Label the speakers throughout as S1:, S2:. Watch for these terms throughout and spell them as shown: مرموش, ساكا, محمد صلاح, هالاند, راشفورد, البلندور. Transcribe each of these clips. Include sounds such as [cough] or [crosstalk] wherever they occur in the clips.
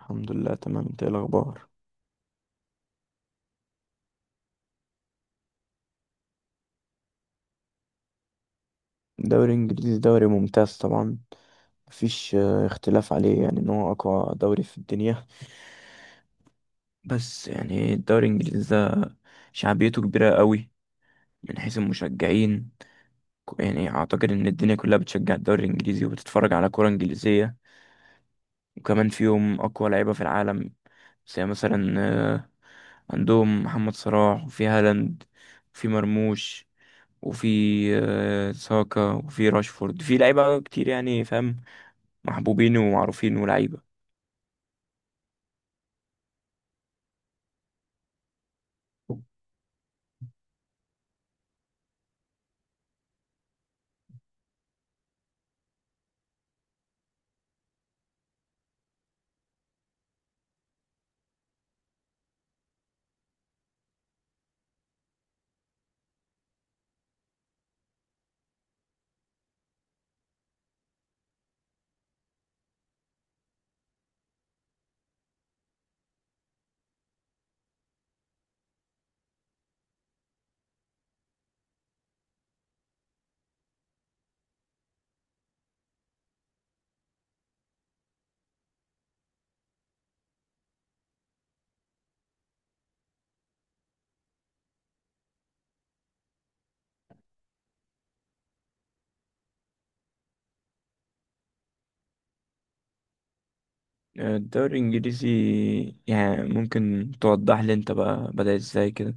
S1: الحمد لله تمام، انت ايه الاخبار؟ دوري انجليزي، دوري ممتاز طبعا. مفيش اختلاف عليه، يعني ان هو اقوى دوري في الدنيا. بس يعني الدوري الانجليزي ده شعبيته كبيرة قوي، من حيث المشجعين. يعني اعتقد ان الدنيا كلها بتشجع الدوري الانجليزي وبتتفرج على كرة انجليزية. وكمان فيهم اقوى لعيبة في العالم، زي مثلا آه، عندهم محمد صلاح، وفي هالاند، وفي مرموش، وفي ساكا، وفي راشفورد. في لعيبة كتير يعني، فاهم، محبوبين ومعروفين ولعيبة. الدوري الإنجليزي، يعني ممكن توضح لي أنت بقى بدأ إزاي كده؟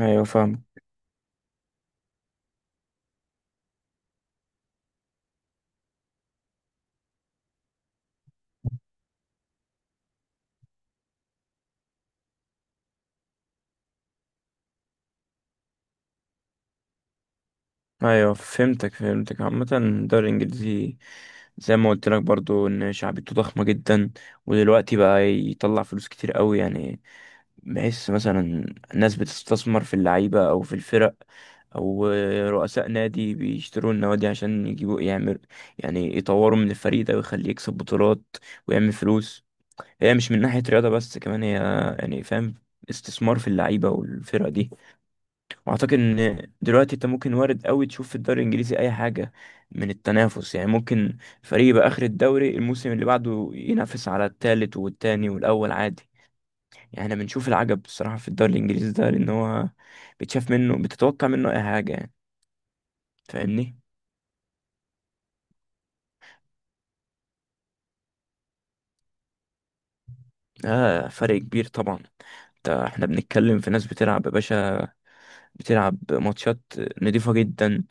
S1: أيوة فاهم. أيوة فهمتك فهمتك. عامة الدوري الإنجليزي زي ما قلت لك برضو، إن شعبيته ضخمة جدا. ودلوقتي بقى يطلع فلوس كتير قوي يعني. بحس مثلا ناس بتستثمر في اللعيبة أو في الفرق، أو رؤساء نادي بيشتروا النوادي عشان يجيبوا، يعمل، يعني يطوروا من الفريق ده ويخليه يكسب بطولات ويعمل فلوس. هي مش من ناحية رياضة بس، كمان هي يعني فاهم، استثمار في اللعيبة والفرق دي. وأعتقد إن دلوقتي أنت ممكن وارد أوي تشوف في الدوري الإنجليزي أي حاجة من التنافس. يعني ممكن فريق يبقى آخر الدوري، الموسم اللي بعده ينافس على التالت والتاني والأول عادي. يعني احنا بنشوف العجب الصراحة في الدوري الانجليزي ده، لان هو بتشاف منه، بتتوقع منه اي حاجة يعني، فاهمني؟ اه فرق كبير طبعا. ده احنا بنتكلم في ناس بتلعب يا باشا، بتلعب ماتشات نضيفة جدا،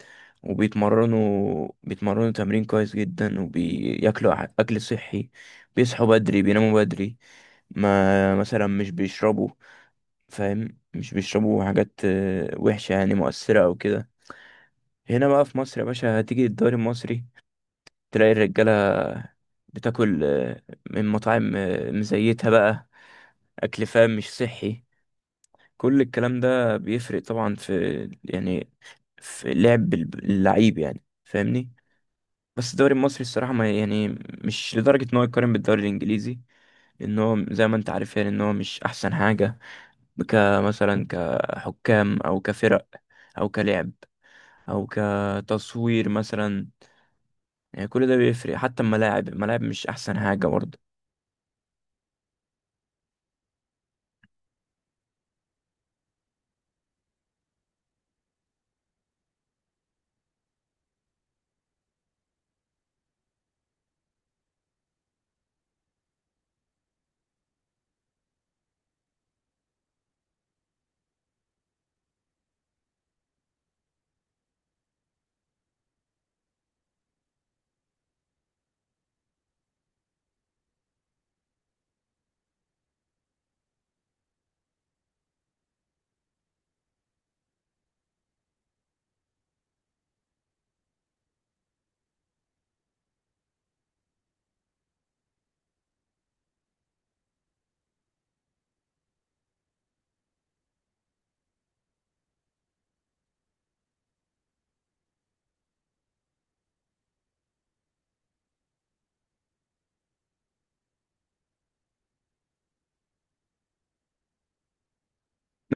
S1: وبيتمرنوا تمرين كويس جدا، وبياكلوا اكل صحي، بيصحوا بدري، بيناموا بدري. ما مثلا مش بيشربوا، فاهم، مش بيشربوا حاجات وحشة، يعني مؤثرة او كده. هنا بقى في مصر يا باشا، هتيجي الدوري المصري تلاقي الرجالة بتاكل من مطاعم مزيتها بقى، أكل فاهم مش صحي. كل الكلام ده بيفرق طبعا في، يعني، في لعب اللعيب يعني فاهمني. بس الدوري المصري الصراحة، ما يعني، مش لدرجة إن هو يقارن بالدوري الإنجليزي، لأن هو زي ما أنت عارف يعني إن هو مش أحسن حاجة، كمثلا كحكام أو كفرق أو كلعب أو كتصوير مثلا. يعني كل ده بيفرق، حتى الملاعب مش أحسن حاجة برضه.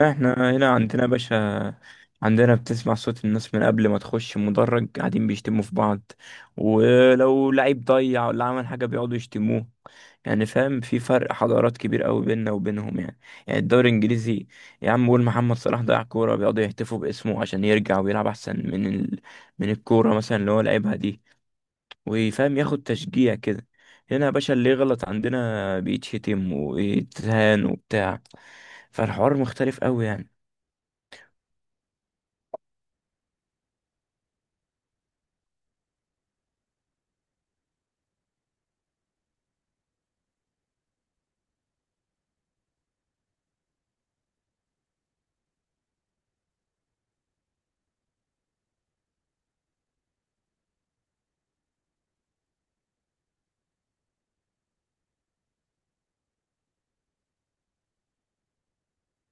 S1: لا، احنا هنا عندنا يا باشا، عندنا بتسمع صوت الناس من قبل ما تخش مدرج، قاعدين بيشتموا في بعض، ولو لعيب ضيع ولا عمل حاجة بيقعدوا يشتموه. يعني فاهم، في فرق حضارات كبير قوي بيننا وبينهم يعني. يعني الدوري الانجليزي، يا عم قول محمد صلاح ضيع كورة، بيقعدوا يهتفوا باسمه عشان يرجع ويلعب احسن من ال... من الكورة مثلا اللي هو لعبها دي، ويفهم، ياخد تشجيع كده. هنا يا باشا، اللي يغلط عندنا بيتشتم ويتهان وبتاع. فالحوار مختلف قوي يعني.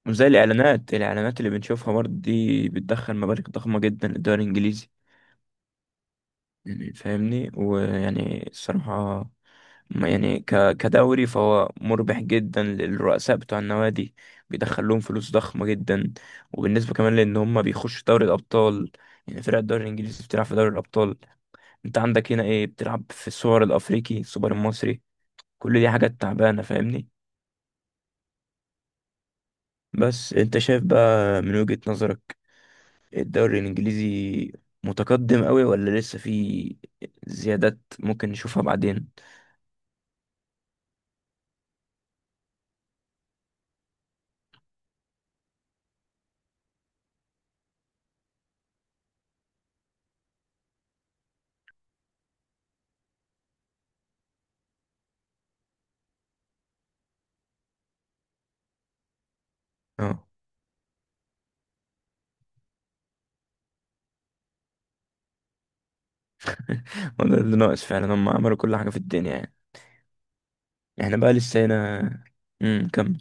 S1: وزي الإعلانات اللي بنشوفها برضه دي، بتدخل مبالغ ضخمة جدا للدوري الإنجليزي. يعني فاهمني؟ ويعني الصراحة، يعني كدوري فهو مربح جدا للرؤساء بتوع النوادي، بيدخل لهم فلوس ضخمة جدا. وبالنسبة كمان لأن هم بيخشوا دوري الأبطال، يعني فرق الدوري الإنجليزي بتلعب في دوري الأبطال. أنت عندك هنا إيه؟ بتلعب في السوبر الأفريقي، السوبر المصري، كل دي حاجات تعبانة فاهمني. بس أنت شايف بقى من وجهة نظرك، الدوري الانجليزي متقدم قوي، ولا لسه في زيادات ممكن نشوفها بعدين؟ اه. [laughs] هو ده اللي ناقص فعلا، هم عملوا كل حاجة في الدنيا يعني. احنا بقى لسه هنا. كمل.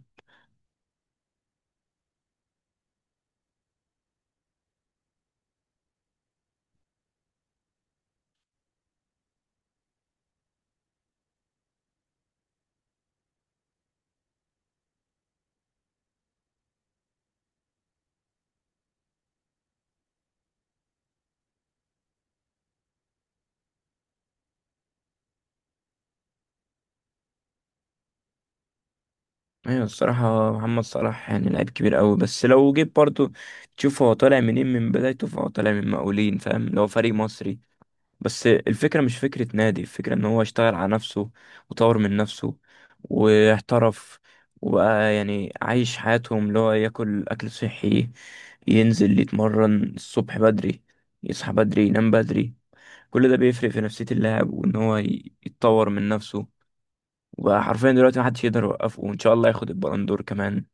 S1: ايوه الصراحة، محمد صلاح يعني لعيب كبير قوي. بس لو جيت برضو تشوف هو طالع منين، من بدايته، فهو طالع من مقاولين فاهم، لو فريق مصري. بس الفكرة مش فكرة نادي، الفكرة ان هو اشتغل على نفسه وطور من نفسه واحترف، وبقى يعني عايش حياتهم، اللي هو ياكل اكل صحي، ينزل يتمرن الصبح بدري، يصحى بدري، ينام بدري. كل ده بيفرق في نفسية اللاعب، وان هو يتطور من نفسه. وبقى حرفيا دلوقتي محدش يقدر يوقفه، وان شاء الله ياخد البلندور كمان.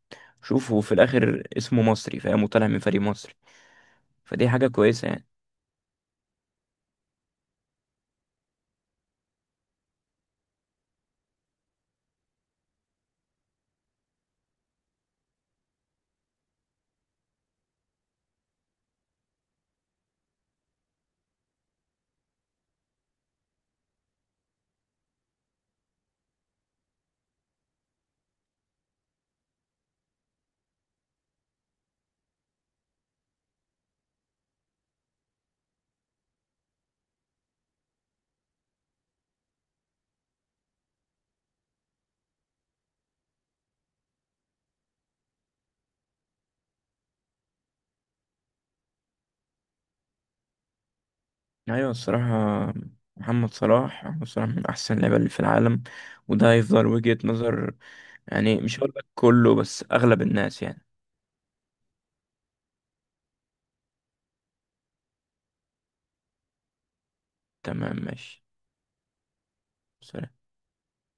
S1: شوفوا في الاخر اسمه مصري فاهم، وطالع من فريق مصري، فدي حاجة كويسة يعني. ايوه الصراحه، محمد صلاح من احسن اللعيبه اللي في العالم، وده هيفضل وجهة نظر يعني. مش هقول لك كله، بس اغلب الناس يعني. تمام ماشي.